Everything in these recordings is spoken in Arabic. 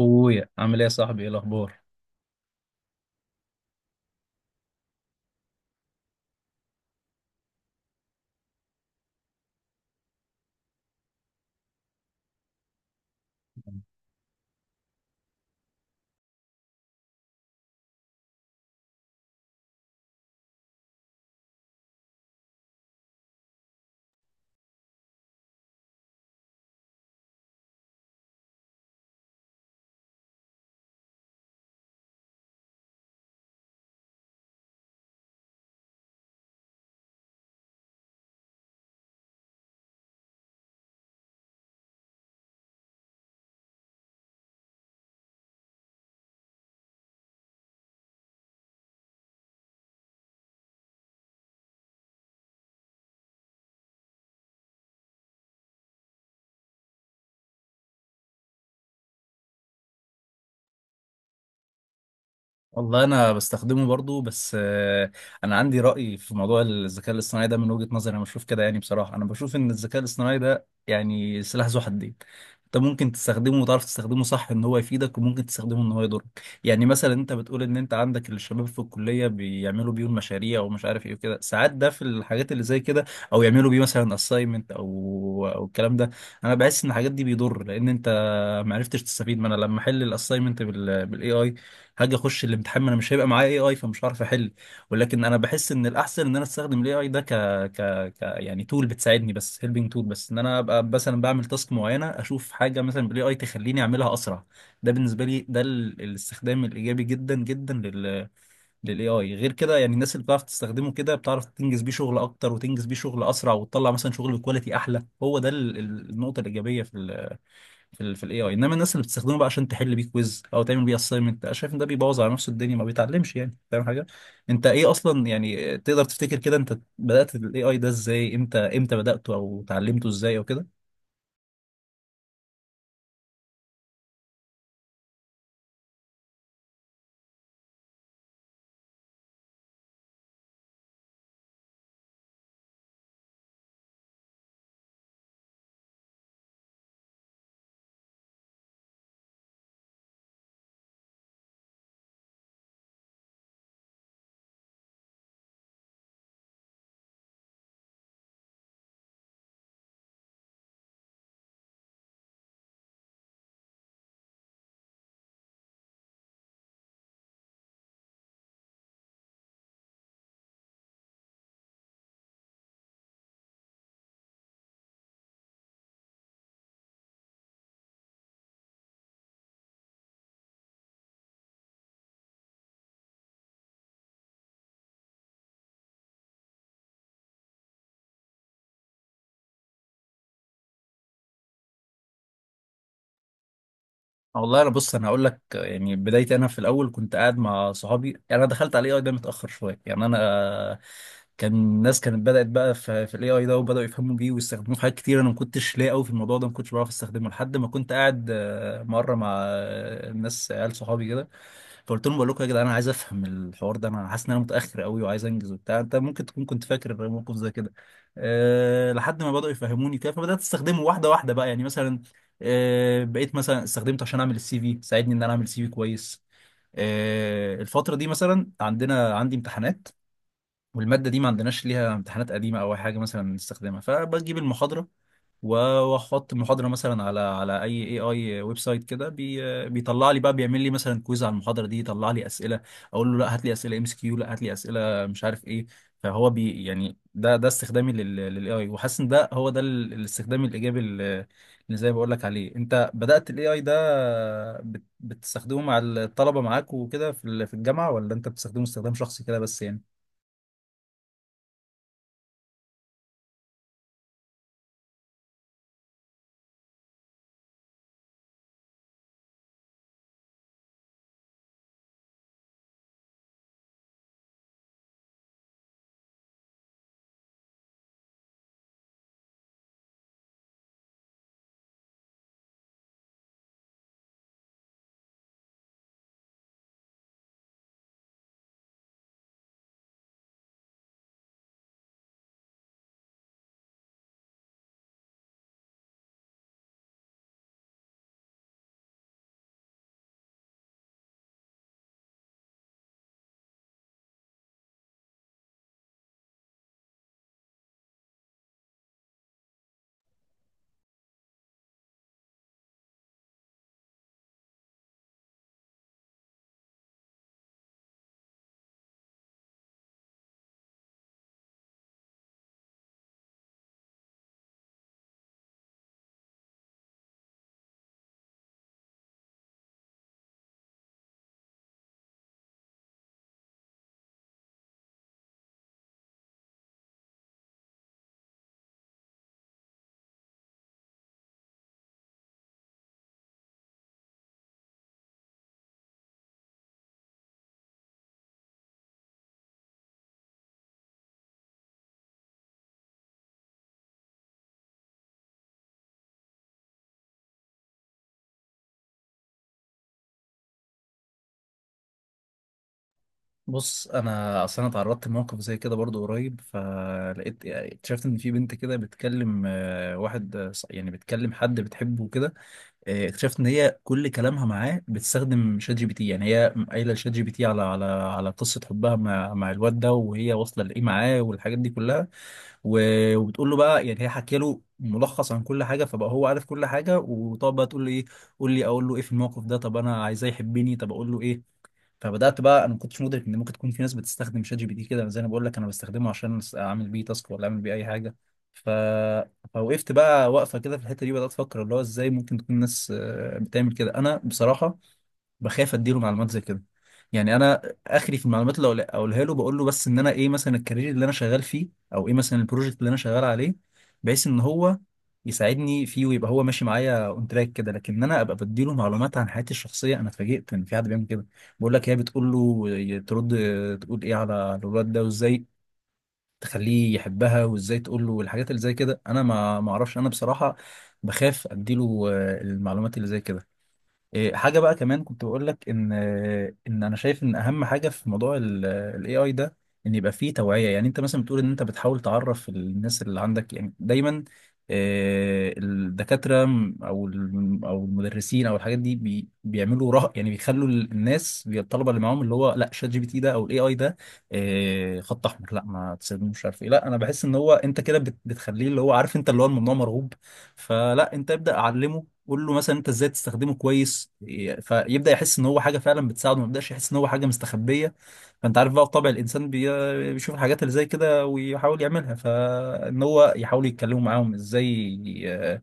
اخويا عامل ايه يا صاحبي؟ ايه الاخبار؟ والله انا بستخدمه برضو، بس انا عندي رأي في موضوع الذكاء الاصطناعي ده. من وجهة نظري انا بشوف كده، يعني بصراحة انا بشوف ان الذكاء الاصطناعي ده يعني سلاح ذو حدين. انت ممكن تستخدمه وتعرف تستخدمه صح ان هو يفيدك، وممكن تستخدمه ان هو يضرك. يعني مثلا انت بتقول ان انت عندك الشباب في الكلية بيعملوا بيه المشاريع ومش عارف ايه وكده، ساعات ده في الحاجات اللي زي كده، او يعملوا بيه مثلا اساينمنت او الكلام ده. انا بحس ان الحاجات دي بيضر، لان انت ما عرفتش تستفيد. ما انا لما احل الاساينمنت بالاي اي، هاجي اخش الامتحان ما انا مش هيبقى معايا اي اي، فمش هعرف احل. ولكن انا بحس ان الاحسن ان انا استخدم الاي اي ده ك... ك... ك يعني تول بتساعدني، بس هيلبنج تول، بس ان انا ابقى مثلا بعمل تاسك معينه، اشوف حاجه مثلا بالاي اي تخليني اعملها اسرع. ده بالنسبه لي ده الاستخدام الايجابي جدا جدا للاي اي. غير كده يعني الناس اللي بتعرف تستخدمه كده بتعرف تنجز بيه شغل اكتر، وتنجز بيه شغل اسرع، وتطلع مثلا شغل بكواليتي احلى. هو ده النقطه الايجابيه في الاي اي. انما الناس اللي بتستخدمه بقى عشان تحل بيه كويز او تعمل بيه اساينمنت، انا شايف ان ده بيبوظ على نفسه الدنيا، ما بيتعلمش يعني، فاهم حاجه؟ انت ايه اصلا يعني؟ تقدر تفتكر كده انت بدات الاي اي ده ازاي؟ امتى امتى بداته او اتعلمته ازاي او كده؟ والله انا بص انا هقول لك يعني بدايتي، انا في الاول كنت قاعد مع صحابي. يعني انا دخلت على الاي اي ده متاخر شويه، يعني انا كان الناس كانت بدات بقى في الاي اي ده، وبداوا يفهموا بيه ويستخدموه في حاجات كتير. انا ما كنتش لاقي قوي في الموضوع ده، ما كنتش بعرف استخدمه لحد ما كنت قاعد مره مع ناس عيال صحابي كده. فقلت لهم بقول لكم يا جدعان، انا عايز افهم الحوار ده، انا حاسس ان انا متاخر قوي وعايز انجز وبتاع. انت ممكن تكون كنت فاكر موقف زي كده. أه، لحد ما بداوا يفهموني كده، فبدات استخدمه واحده واحده بقى، يعني مثلا أه بقيت مثلا استخدمته عشان اعمل السي في، ساعدني ان انا اعمل سي في كويس. أه، الفتره دي مثلا عندي امتحانات، والماده دي ما عندناش ليها امتحانات قديمه او أي حاجه مثلا نستخدمها، فبجيب المحاضره و- واحط المحاضره مثلا على اي اي اي ويب سايت كده، بيطلع لي بقى، بيعمل لي مثلا كويز على المحاضره دي، يطلع لي اسئله. اقول له لا، هات لي اسئله ام اس كيو، لا هات لي اسئله مش عارف ايه. فهو يعني ده استخدامي للاي اي، وحاسس ان ده هو الاستخدام الايجابي اللي زي ما بقول لك عليه. انت بدأت الاي اي ده بتستخدمه مع الطلبه معاك وكده في الجامعه، ولا انت بتستخدمه استخدام شخصي كده بس يعني؟ بص انا اصلا اتعرضت لموقف زي كده برضو قريب، فلقيت يعني اكتشفت ان في بنت كده بتكلم واحد، يعني بتكلم حد بتحبه كده. اكتشفت ان هي كل كلامها معاه بتستخدم شات جي بي تي. يعني هي قايله لشات جي بي تي على على قصه حبها مع الواد ده، وهي واصله لايه معاه، والحاجات دي كلها. وبتقول له بقى يعني، هي حكي له ملخص عن كل حاجه، فبقى هو عارف كل حاجه. وطب بقى تقول له ايه؟ قول لي اقول له ايه في الموقف ده؟ طب انا عايزاه يحبني، طب اقول له ايه؟ فبدات بقى، انا ما كنتش مدرك ان ممكن تكون في ناس بتستخدم شات جي بي تي كده. زي انا بقول لك انا بستخدمه عشان اعمل بيه تاسك ولا اعمل بيه اي حاجه. ف... فوقفت بقى واقفه كده في الحته دي، بدات افكر اللي هو ازاي ممكن تكون الناس بتعمل كده. انا بصراحه بخاف اديله معلومات زي كده. يعني انا اخري في المعلومات اقولها له، بقول له بس ان انا ايه، مثلا الكارير اللي انا شغال فيه، او ايه مثلا البروجكت اللي انا شغال عليه، بحيث ان هو يساعدني فيه، ويبقى هو ماشي معايا اون تراك كده. لكن انا ابقى بديله معلومات عن حياتي الشخصيه، انا اتفاجئت ان في حد بيعمل كده. بقول لك هي بتقول له ترد، تقول ايه على الولاد ده، وازاي تخليه يحبها، وازاي تقول له الحاجات اللي زي كده. انا ما اعرفش. انا بصراحه بخاف اديله المعلومات اللي زي كده. إيه، حاجة بقى كمان كنت بقول لك إن أنا شايف إن أهم حاجة في موضوع ال AI ده، إن يبقى فيه توعية. يعني أنت مثلا بتقول إن أنت بتحاول تعرف الناس اللي عندك يعني دايما. الدكاترة أو المدرسين أو الحاجات دي بيعملوا رهق، يعني بيخلوا الناس الطلبة اللي معاهم اللي هو لا، شات جي بي تي ده أو ال AI ده خط أحمر، لا ما تستخدموش، مش عارف إيه. لا، أنا بحس إن هو، أنت كده بتخليه اللي هو عارف أنت اللي هو الممنوع مرغوب. فلا، أنت ابدأ علمه. قول له مثلا انت ازاي تستخدمه كويس. فيبدا يحس ان هو حاجه فعلا بتساعده، ما يبداش يحس ان هو حاجه مستخبيه. فانت عارف بقى طبع الانسان بيشوف الحاجات اللي زي كده ويحاول يعملها. فان هو يحاولوا يتكلموا معاهم ازاي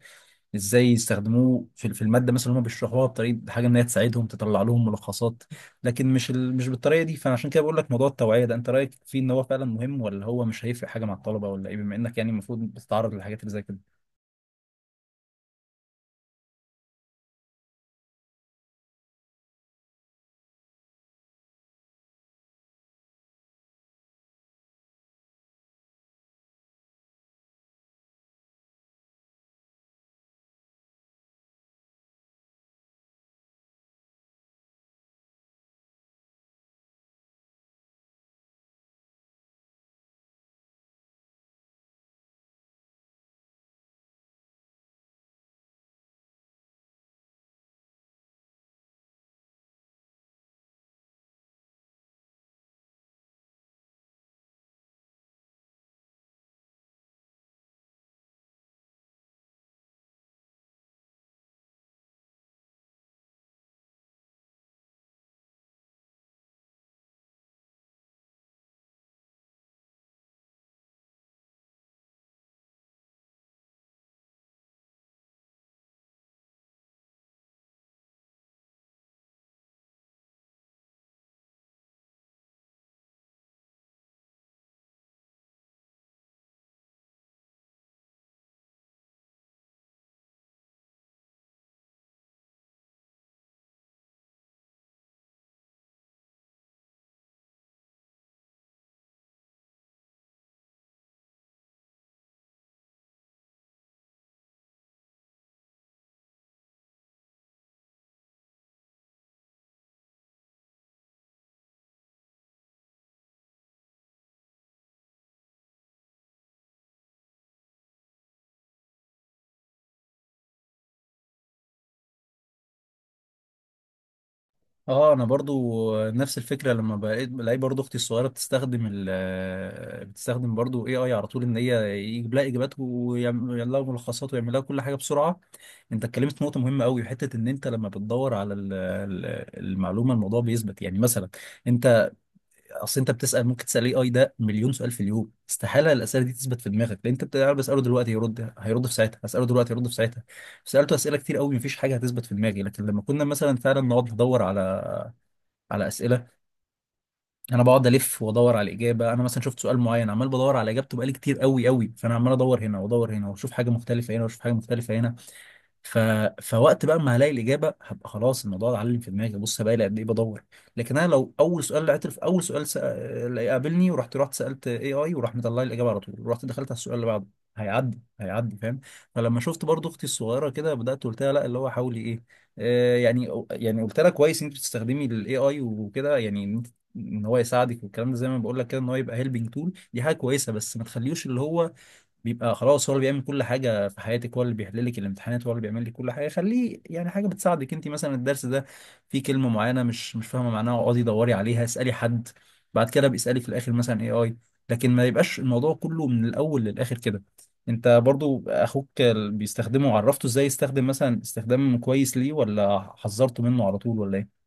ازاي يستخدموه في الماده مثلا اللي هم بيشرحوها، بطريقه حاجه ان هي تساعدهم تطلع لهم ملخصات، لكن مش بالطريقه دي. فانا عشان كده بقول لك موضوع التوعيه ده، انت رايك فيه ان هو فعلا مهم، ولا هو مش هيفرق حاجه مع الطلبه، ولا ايه؟ بما انك يعني المفروض بتتعرض للحاجات اللي زي كده. اه، انا برضو نفس الفكره، لما بقيت بلاقي برضو اختي الصغيره بتستخدم برضو اي اي على طول، ان هي يجيب لها اجابات، ويعمل لها ملخصات، ويعمل لها كل حاجه بسرعه. انت اتكلمت في نقطه مهمه قوي، حته ان انت لما بتدور على المعلومه، الموضوع بيثبت. يعني مثلا انت، اصل انت بتسال، ممكن تسال اي اي ده مليون سؤال في اليوم. استحاله الاسئله دي تثبت في دماغك، لان انت بتعرف بساله دلوقتي هيرد في ساعتها، اساله دلوقتي هيرد في ساعتها، سالته اسئله كتير قوي، مفيش حاجه هتثبت في دماغي. لكن لما كنا مثلا فعلا نقعد ندور على على اسئله، انا بقعد الف وادور على الاجابه. انا مثلا شفت سؤال معين عمال بدور على اجابته بقالي كتير قوي قوي، فانا عمال ادور هنا وادور هنا، واشوف حاجه مختلفه هنا، واشوف حاجه مختلفه هنا. ف... فوقت بقى ما هلاقي الاجابه، هبقى خلاص الموضوع اتعلم في دماغي، بص بقى قد ايه بدور. لكن انا لو اول سؤال لقيته، في اول سؤال اللي قابلني، رحت سالت اي اي، وراح مطلع لي الاجابه على طول، ورحت دخلت على السؤال اللي بعده، هيعدي فاهم. فلما شفت برضو اختي الصغيره كده، بدات قلت لها لا، اللي هو حاولي ايه. آه، يعني قلت لها كويس ان انت بتستخدمي الاي اي وكده، يعني إن هو يساعدك، والكلام ده زي ما بقول لك كده، ان هو يبقى هيلبنج تول، دي حاجه كويسه. بس ما تخليوش اللي هو بيبقى خلاص هو اللي بيعمل كل حاجة في حياتك، هو اللي بيحل لك الامتحانات، هو اللي بيعمل لك كل حاجة. خليه يعني حاجة بتساعدك. انت مثلا الدرس ده فيه كلمة معينة مش فاهمة معناها، اقعدي دوري عليها، اسألي حد، بعد كده بيسألك في الآخر مثلا اي اي. لكن ما يبقاش الموضوع كله من الأول للآخر كده. انت برضو اخوك بيستخدمه، عرفته ازاي يستخدم مثلا استخدام كويس ليه، ولا حذرته منه على طول، ولا ايه؟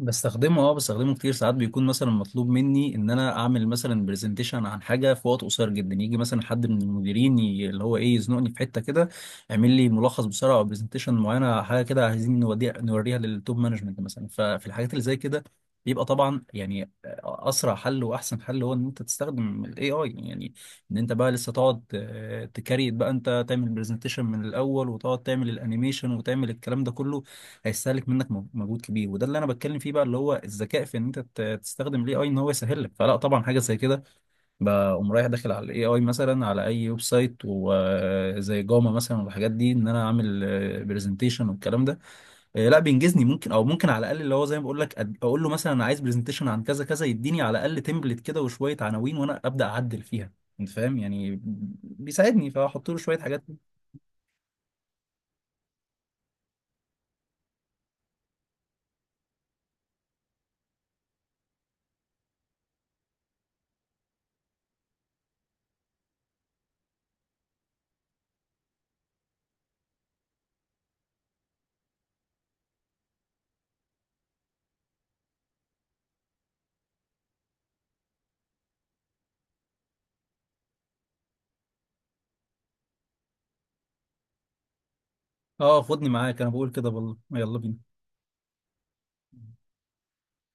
بستخدمه، اه بستخدمه كتير. ساعات بيكون مثلا مطلوب مني ان انا اعمل مثلا برزنتيشن عن حاجه في وقت قصير جدا، يجي مثلا حد من المديرين اللي هو ايه يزنقني في حته كده، اعمل لي ملخص بسرعه، او برزنتيشن معينه، حاجه كده عايزين نوديها نوريها للتوب مانجمنت مثلا. ففي الحاجات اللي زي كده بيبقى طبعا يعني اسرع حل واحسن حل هو ان انت تستخدم الاي اي يعني. ان انت بقى لسه تقعد تكريت بقى، انت تعمل برزنتيشن من الاول، وتقعد تعمل الانيميشن، وتعمل الكلام ده كله، هيستهلك منك مجهود كبير. وده اللي انا بتكلم فيه بقى، اللي هو الذكاء في ان انت تستخدم الاي اي ان هو يسهل لك. فلا طبعا، حاجه زي كده بقوم رايح داخل على الاي اي، مثلا على اي ويب سايت وزي جاما مثلا والحاجات دي، ان انا اعمل برزنتيشن والكلام ده. لا بينجزني ممكن، او ممكن على الاقل اللي هو زي ما بقول لك اقول له مثلا انا عايز برزنتيشن عن كذا كذا، يديني على الاقل تمبلت كده وشويه عناوين، وانا ابدا اعدل فيها. انت فاهم يعني؟ بيساعدني، فاحط له شويه حاجات. اه، خدني معاك، انا بقول كده والله، يلا بينا.